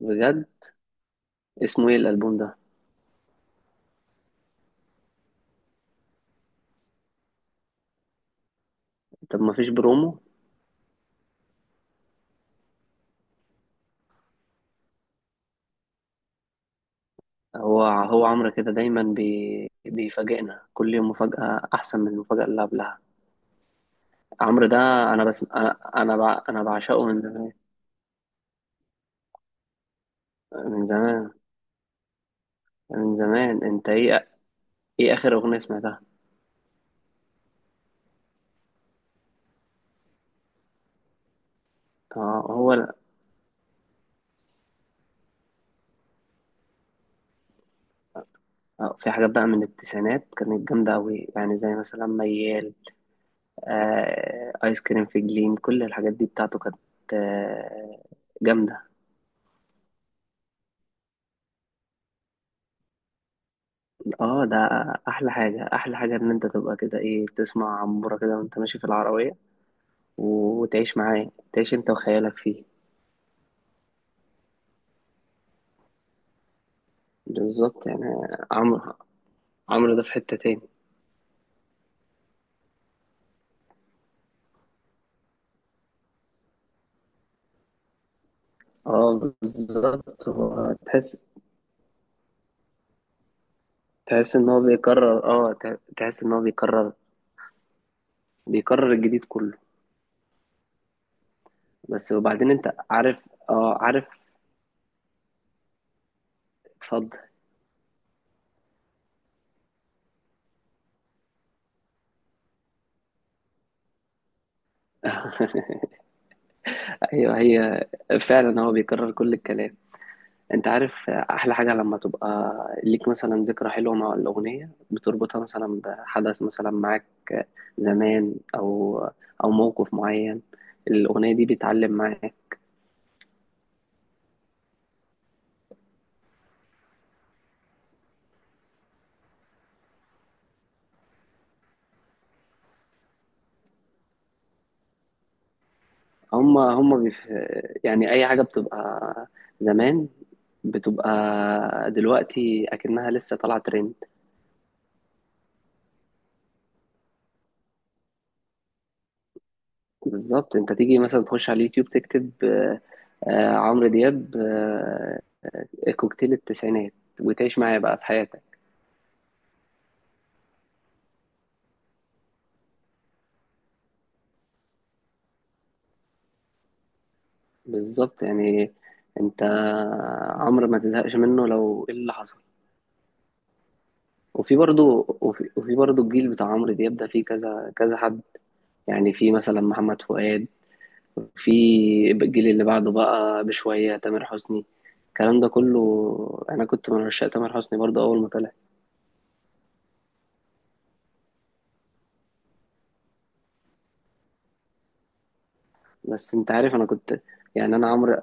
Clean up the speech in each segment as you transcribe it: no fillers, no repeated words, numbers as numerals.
بجد؟ اسمه ايه الالبوم ده؟ طب ما فيش برومو؟ هو هو عمرو كده دايما، بيفاجئنا كل يوم مفاجأة أحسن من المفاجأة اللي قبلها. عمرو ده، أنا بس أنا بعشقه من زمان. من زمان. من زمان، أنت إيه؟ إيه آخر أغنية سمعتها؟ آه، هو. آه، في حاجات بقى من التسعينات كانت جامدة أوي، يعني زي مثلا ميال. آه، آيس كريم في جليم، كل الحاجات دي بتاعته كانت آه جامدة. اه، ده احلى حاجة، احلى حاجة ان انت تبقى كده ايه، تسمع عمورة كده وانت ماشي في العربية، وتعيش معاه، تعيش انت وخيالك فيه. بالظبط يعني. عمرو، عمرو ده في حتة تاني. اه بالظبط، هو تحس، تحس ان هو بيكرر، تحس ان هو بيكرر، بيكرر الجديد كله. بس وبعدين انت عارف، اتفضل. ايوه هي، فعلا هو بيكرر كل الكلام. انت عارف احلى حاجة لما تبقى ليك مثلا ذكرى حلوة مع الأغنية، بتربطها مثلا بحدث مثلا معاك زمان، او او موقف معين، الأغنية دي بيتعلم معاك. هما هما بيف... يعني اي حاجة بتبقى زمان بتبقى دلوقتي اكنها لسه طالعة ترند. بالظبط، انت تيجي مثلا تخش على اليوتيوب تكتب، عمرو دياب، كوكتيل التسعينات، وتعيش معايا بقى في حياتك. بالظبط يعني. انت، عمرو ما تزهقش منه لو ايه اللي حصل. وفي برضو الجيل بتاع عمرو دياب ده فيه كذا كذا حد. يعني في مثلا محمد فؤاد، في الجيل اللي بعده بقى بشوية تامر حسني، الكلام ده كله. انا كنت من عشاق تامر حسني برضو اول ما طلع. بس انت عارف انا كنت، يعني انا عمرو،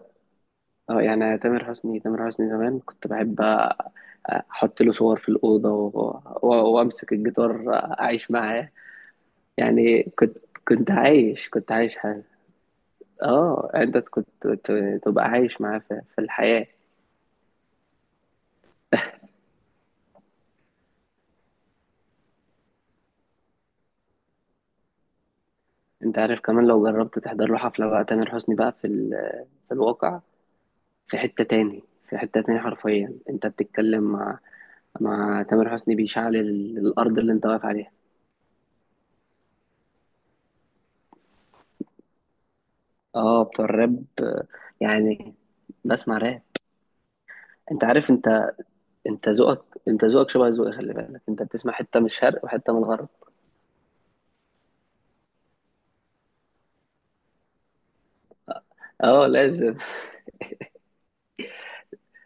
اه يعني تامر حسني، تامر حسني زمان كنت بحب احط له صور في الأوضة، وامسك الجيتار، اعيش معاه. يعني كنت عايش حاجة. اه انت كنت تبقى عايش معاه في الحياة. انت عارف كمان لو جربت تحضر له حفلة بقى تامر حسني بقى في الواقع، في حتة تاني. في حتة تاني، حرفيا انت بتتكلم مع تامر حسني، بيشعل الأرض اللي انت واقف عليها. اه بتوع الراب، يعني بسمع راب. انت عارف، انت ذوقك، انت ذوقك شبه ذوقي، خلي بالك انت بتسمع حتة من الشرق وحتة من الغرب. اه لازم.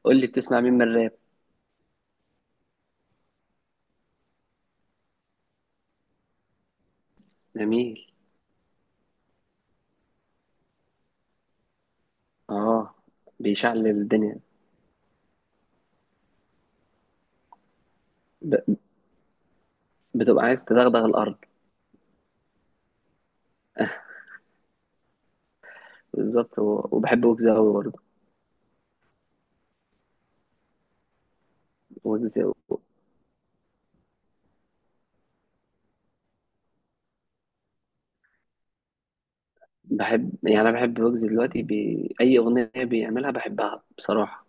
قول لي بتسمع مين من الراب. جميل. اه بيشعل الدنيا، ب... بتبقى عايز تدغدغ الارض. بالظبط، وبحب ويجز قوي برضه. ويجز بحب، يعني انا بحب ويجز دلوقتي، اي اغنيه بيعملها بحبها بصراحه.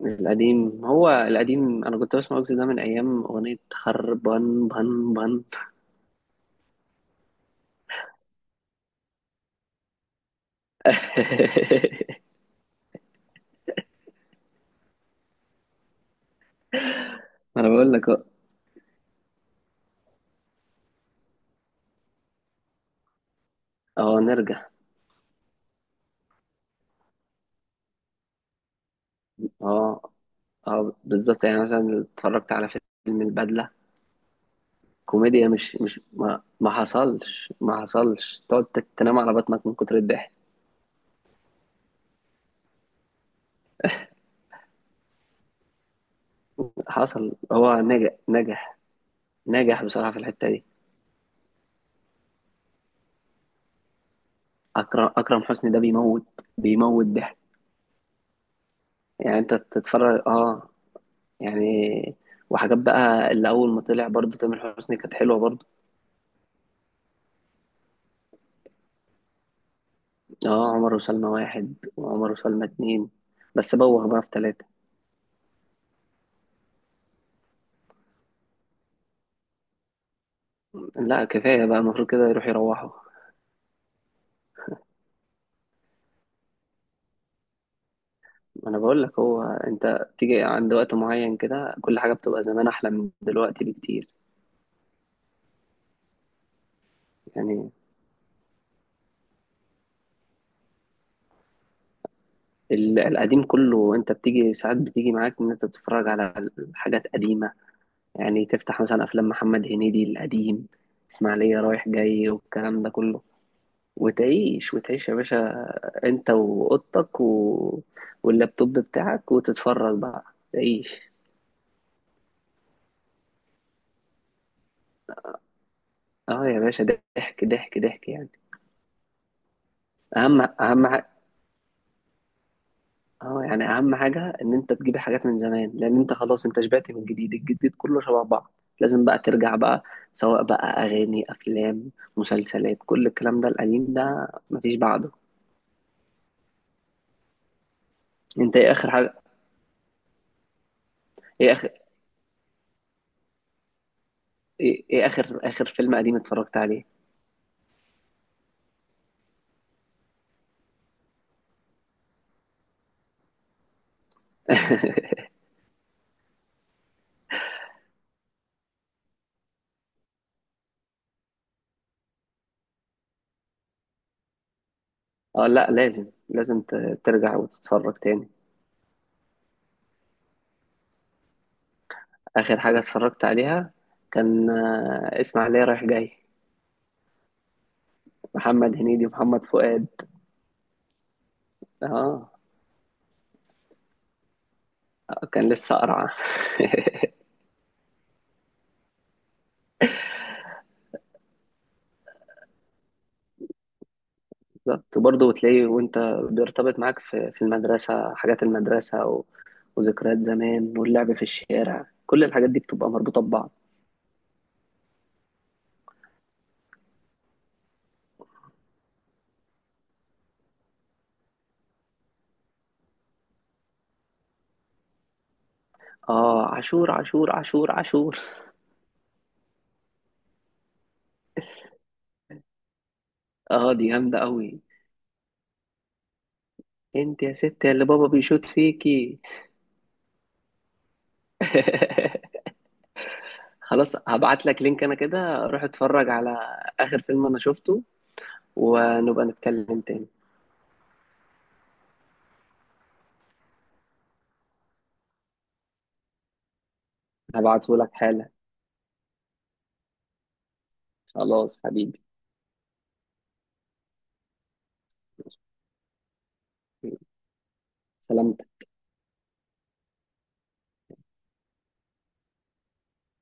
القديم هو القديم، انا كنت بسمع ويجز ده من ايام اغنيه خربان بان بان. انا بقول لك اه، نرجع. اه، اه بالظبط يعني، مثلا اتفرجت على فيلم البدله، كوميديا، مش مش ما, ما حصلش ما حصلش تقعد تنام على بطنك من كتر الضحك. حصل، هو نجح نجح نجح بصراحة في الحتة دي. أكرم حسني ده بيموت ضحك يعني. أنت تتفرج أه، يعني وحاجات بقى اللي أول ما طلع برضه تامر حسني كانت حلوة برضه. أه، عمر وسلمى واحد، وعمر وسلمى اتنين، بس بوغ بقى في تلاتة. لا، كفاية بقى، المفروض كده يروح يروحوا. ما أنا بقول لك، هو أنت تيجي عند وقت معين كده كل حاجة بتبقى زمان أحلى من دلوقتي بكتير. يعني القديم كله، انت بتيجي ساعات بتيجي معاك ان انت تتفرج على حاجات قديمة. يعني تفتح مثلا افلام محمد هنيدي القديم، اسماعيلية رايح جاي والكلام ده كله، وتعيش، وتعيش يا باشا، انت واوضتك واللابتوب بتاعك، وتتفرج بقى، تعيش. اه يا باشا، ضحك ضحك ضحك يعني. اهم اهم اه يعني اهم حاجه ان انت تجيب حاجات من زمان، لان انت خلاص انت شبعت من الجديد، الجديد كله شبه بعض. لازم بقى ترجع بقى، سواء بقى اغاني، افلام، مسلسلات، كل الكلام ده، القديم ده مفيش بعده. انت ايه اخر حاجه، ايه اخر ايه إيه اخر اخر فيلم قديم اتفرجت عليه؟ اه لا، لازم ترجع وتتفرج تاني. اخر حاجه اتفرجت عليها كان اسماعيليه رايح جاي، محمد هنيدي ومحمد فؤاد. اه كان لسه قرعه. بالظبط، وبرضه تلاقيه وانت، بيرتبط معاك في المدرسة، حاجات المدرسة، وذكريات زمان، واللعب في الشارع، كل الحاجات دي بتبقى مربوطة ببعض. اه عاشور عاشور عاشور عاشور. اه دي جامدة قوي، انت يا ست اللي بابا بيشوط فيكي. خلاص، هبعت لك لينك انا كده، روح اتفرج على اخر فيلم انا شفته، ونبقى نتكلم تاني. هبعته لك حالا. خلاص حبيبي، سلام.